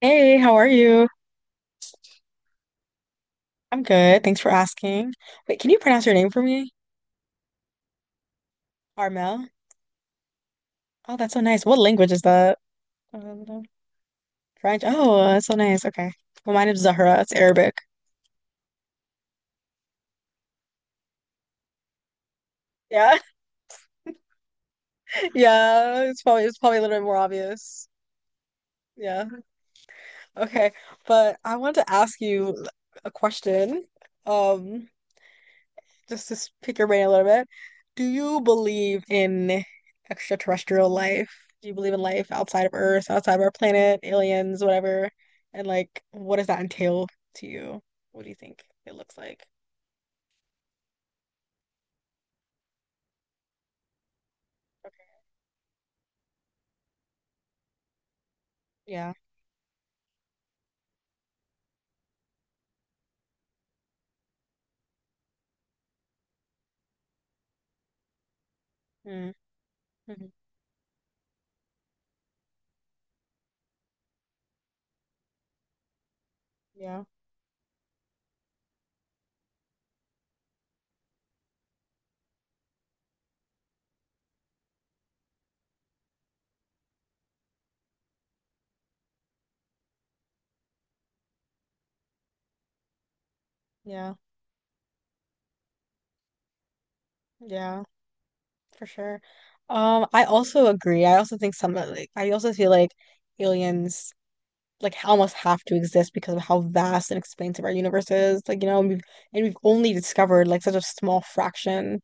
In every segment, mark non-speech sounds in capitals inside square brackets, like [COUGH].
Hey, how are you? I'm good. Thanks for asking. Wait, can you pronounce your name for me? Armel? Oh, that's so nice. What language is that? Uh, French. Oh, that's so nice. Okay. Well, my name's Zahra. It's Arabic. Yeah. [LAUGHS] Yeah. It's probably a little bit more obvious. Yeah. Okay. But I want to ask you a question. Um, just to pick your brain a little bit, do you believe in extraterrestrial life? Do you believe in life outside of Earth, outside of our planet, aliens, whatever? And like, what does that entail to you? What do you think it looks like? Okay. Yeah. Mm, mhm. Yeah. Yeah. Yeah. For sure. I also agree. I also think some like I also feel like aliens almost have to exist because of how vast and expansive our universe is. Like, you know, and we've only discovered like such a small fraction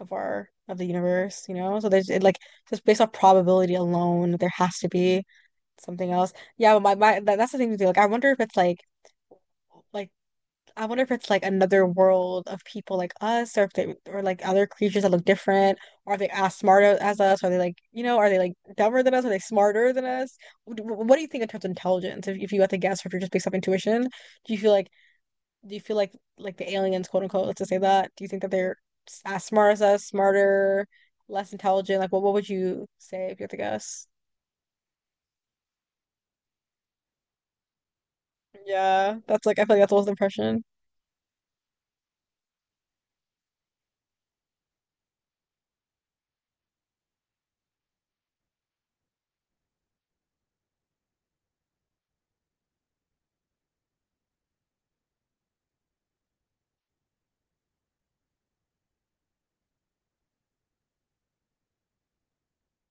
of the universe, you know? So there's it, like just based off probability alone, there has to be something else. Yeah, but that's the thing to do. Like I wonder if it's like like I wonder if it's like another world of people like us, or if they, or like other creatures that look different. Are they as smart as us? Are they like, you know, are they like dumber than us? Are they smarter than us? What do you think in terms of intelligence? If you had to guess, or if you're just based off intuition, do you feel like, do you feel like the aliens, quote unquote, let's just say that? Do you think that they're as smart as us, smarter, less intelligent? Like, what would you say if you had to guess? Yeah, that's like, I feel like that's almost the impression.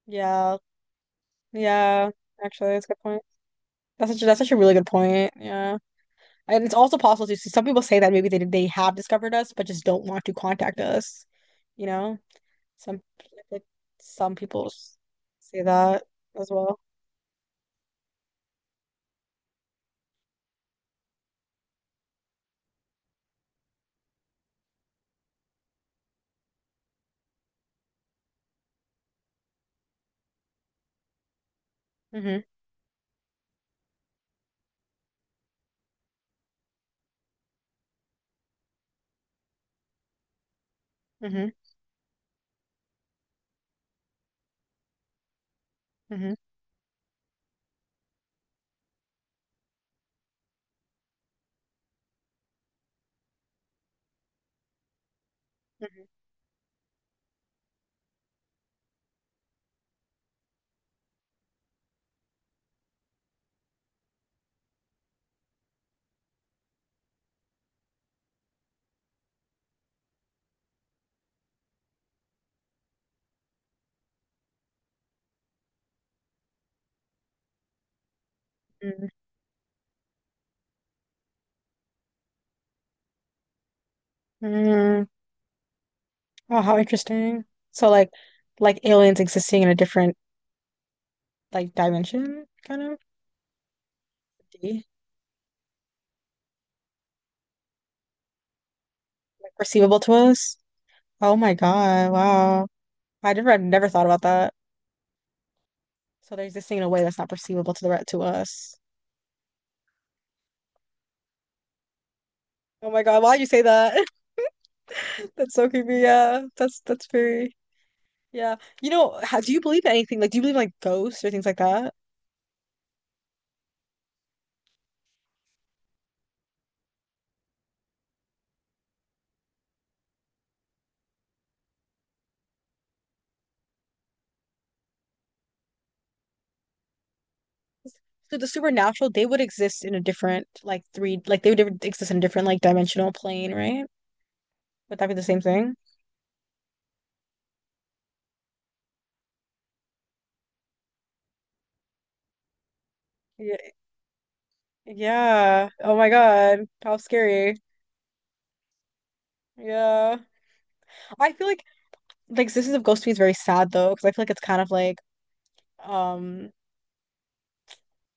Yeah, yeah, actually, that's a good point. That's such a really good point. Yeah. And it's also possible to see some people say that maybe they have discovered us but just don't want to contact us. You know, some like some say that as well. Hmm. Hmm. Hmm. Hmm. Hmm. Wow, how interesting. So like aliens existing in a different like dimension kind of D, like perceivable to us. Oh my God, wow. I've never thought about that. So they're existing in a way that's not perceivable to to us. Oh my God, why'd you say that? [LAUGHS] That's so creepy. Yeah, that's very yeah. You know, do you believe in anything? Like, do you believe in like ghosts or things like that? So the supernatural, they would exist in a different like they would exist in a different like dimensional plane, right? Would that be the same thing? Yeah. Yeah. Oh my God, how scary. Yeah. I feel like the existence of ghosts to me is very sad though, because I feel like it's kind of like um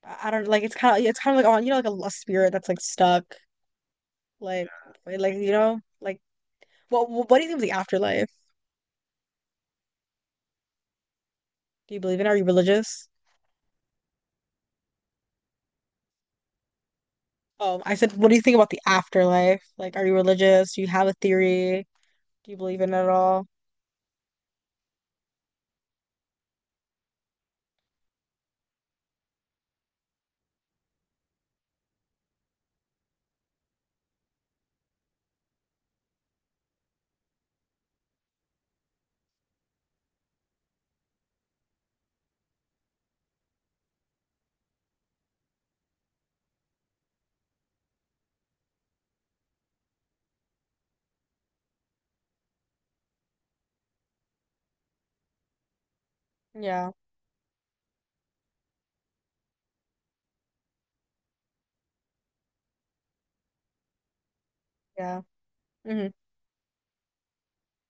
I don't like it's kind of like on you know like a spirit that's like stuck. Like, you know, like what do you think of the afterlife? Do you believe in it? Are you religious? I said, what do you think about the afterlife? Like, are you religious? Do you have a theory? Do you believe in it at all? Yeah, yeah. Hmm.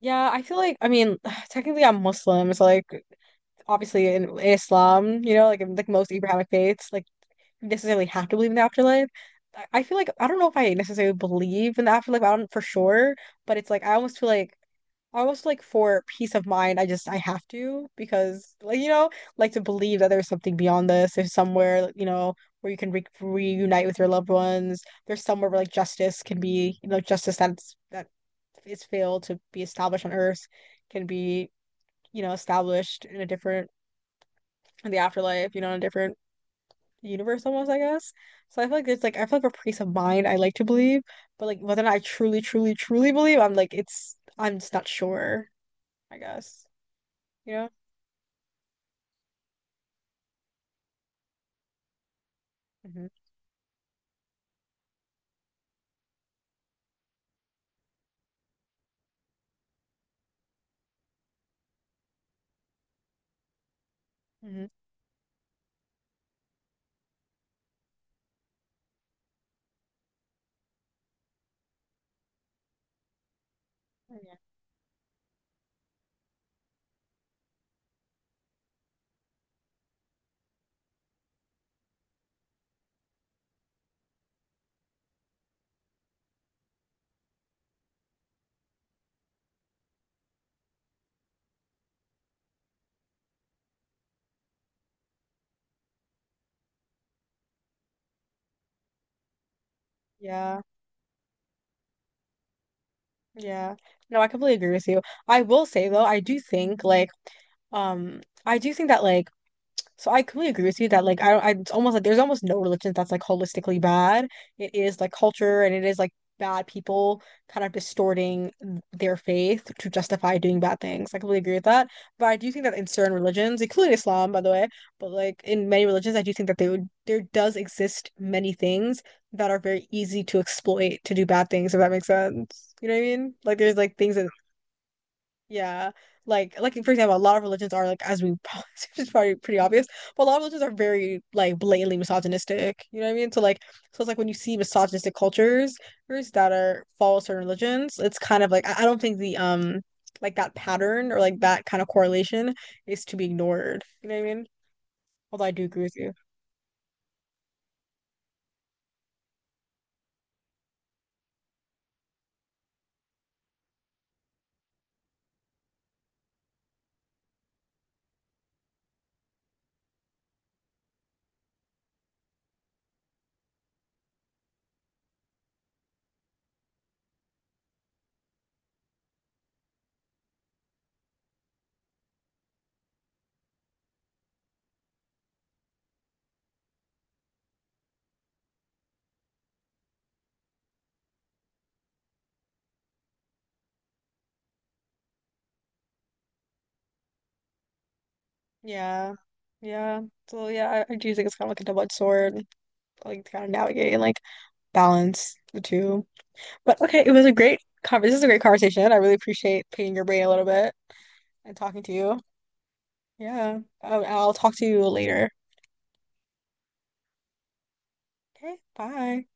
Yeah, I feel like I mean, [SIGHS] technically I'm Muslim, so like obviously in Islam, you know, like in like most Abrahamic faiths, like necessarily have to believe in the afterlife. I feel like I don't know if I necessarily believe in the afterlife. I don't for sure, but it's like I almost feel like I almost like for peace of mind, I have to because like you know like to believe that there's something beyond this. There's somewhere like, you know, where you can re reunite with your loved ones. There's somewhere where like justice can be, you know, justice that's that is failed to be established on Earth can be, you know, established in a different in the afterlife. You know in a different the universe almost, I guess. So I feel like there's like I feel like a piece of mind I like to believe, but like whether or not I truly believe, I'm like it's I'm just not sure, I guess. You know? Hmm. Hmm. Yeah. Yeah. Yeah. No, I completely agree with you. I will say though, I do think like um I do think that like So I completely agree with you that I don't I it's almost like there's almost no religion that's like holistically bad. It is like culture and it is like bad people kind of distorting their faith to justify doing bad things. I completely agree with that. But I do think that in certain religions, including Islam, by the way, but like in many religions, I do think that they would there does exist many things that are very easy to exploit to do bad things, if that makes sense. You know what I mean? Like there's like things that yeah, like for example, a lot of religions are like as we probably [LAUGHS] it's probably pretty obvious, but a lot of religions are very like blatantly misogynistic. You know what I mean? So like so it's like when you see misogynistic cultures that are follow certain religions, it's kind of like I don't think the like that pattern or like that kind of correlation is to be ignored. You know what I mean? Although I do agree with you. Yeah. Yeah. So yeah, I do think it's kind of like a double-edged sword, like to kind of navigate and like balance the two. But okay, it was a great conver this is a great conversation. I really appreciate picking your brain a little bit and talking to you. Yeah. I'll talk to you later. Okay, bye.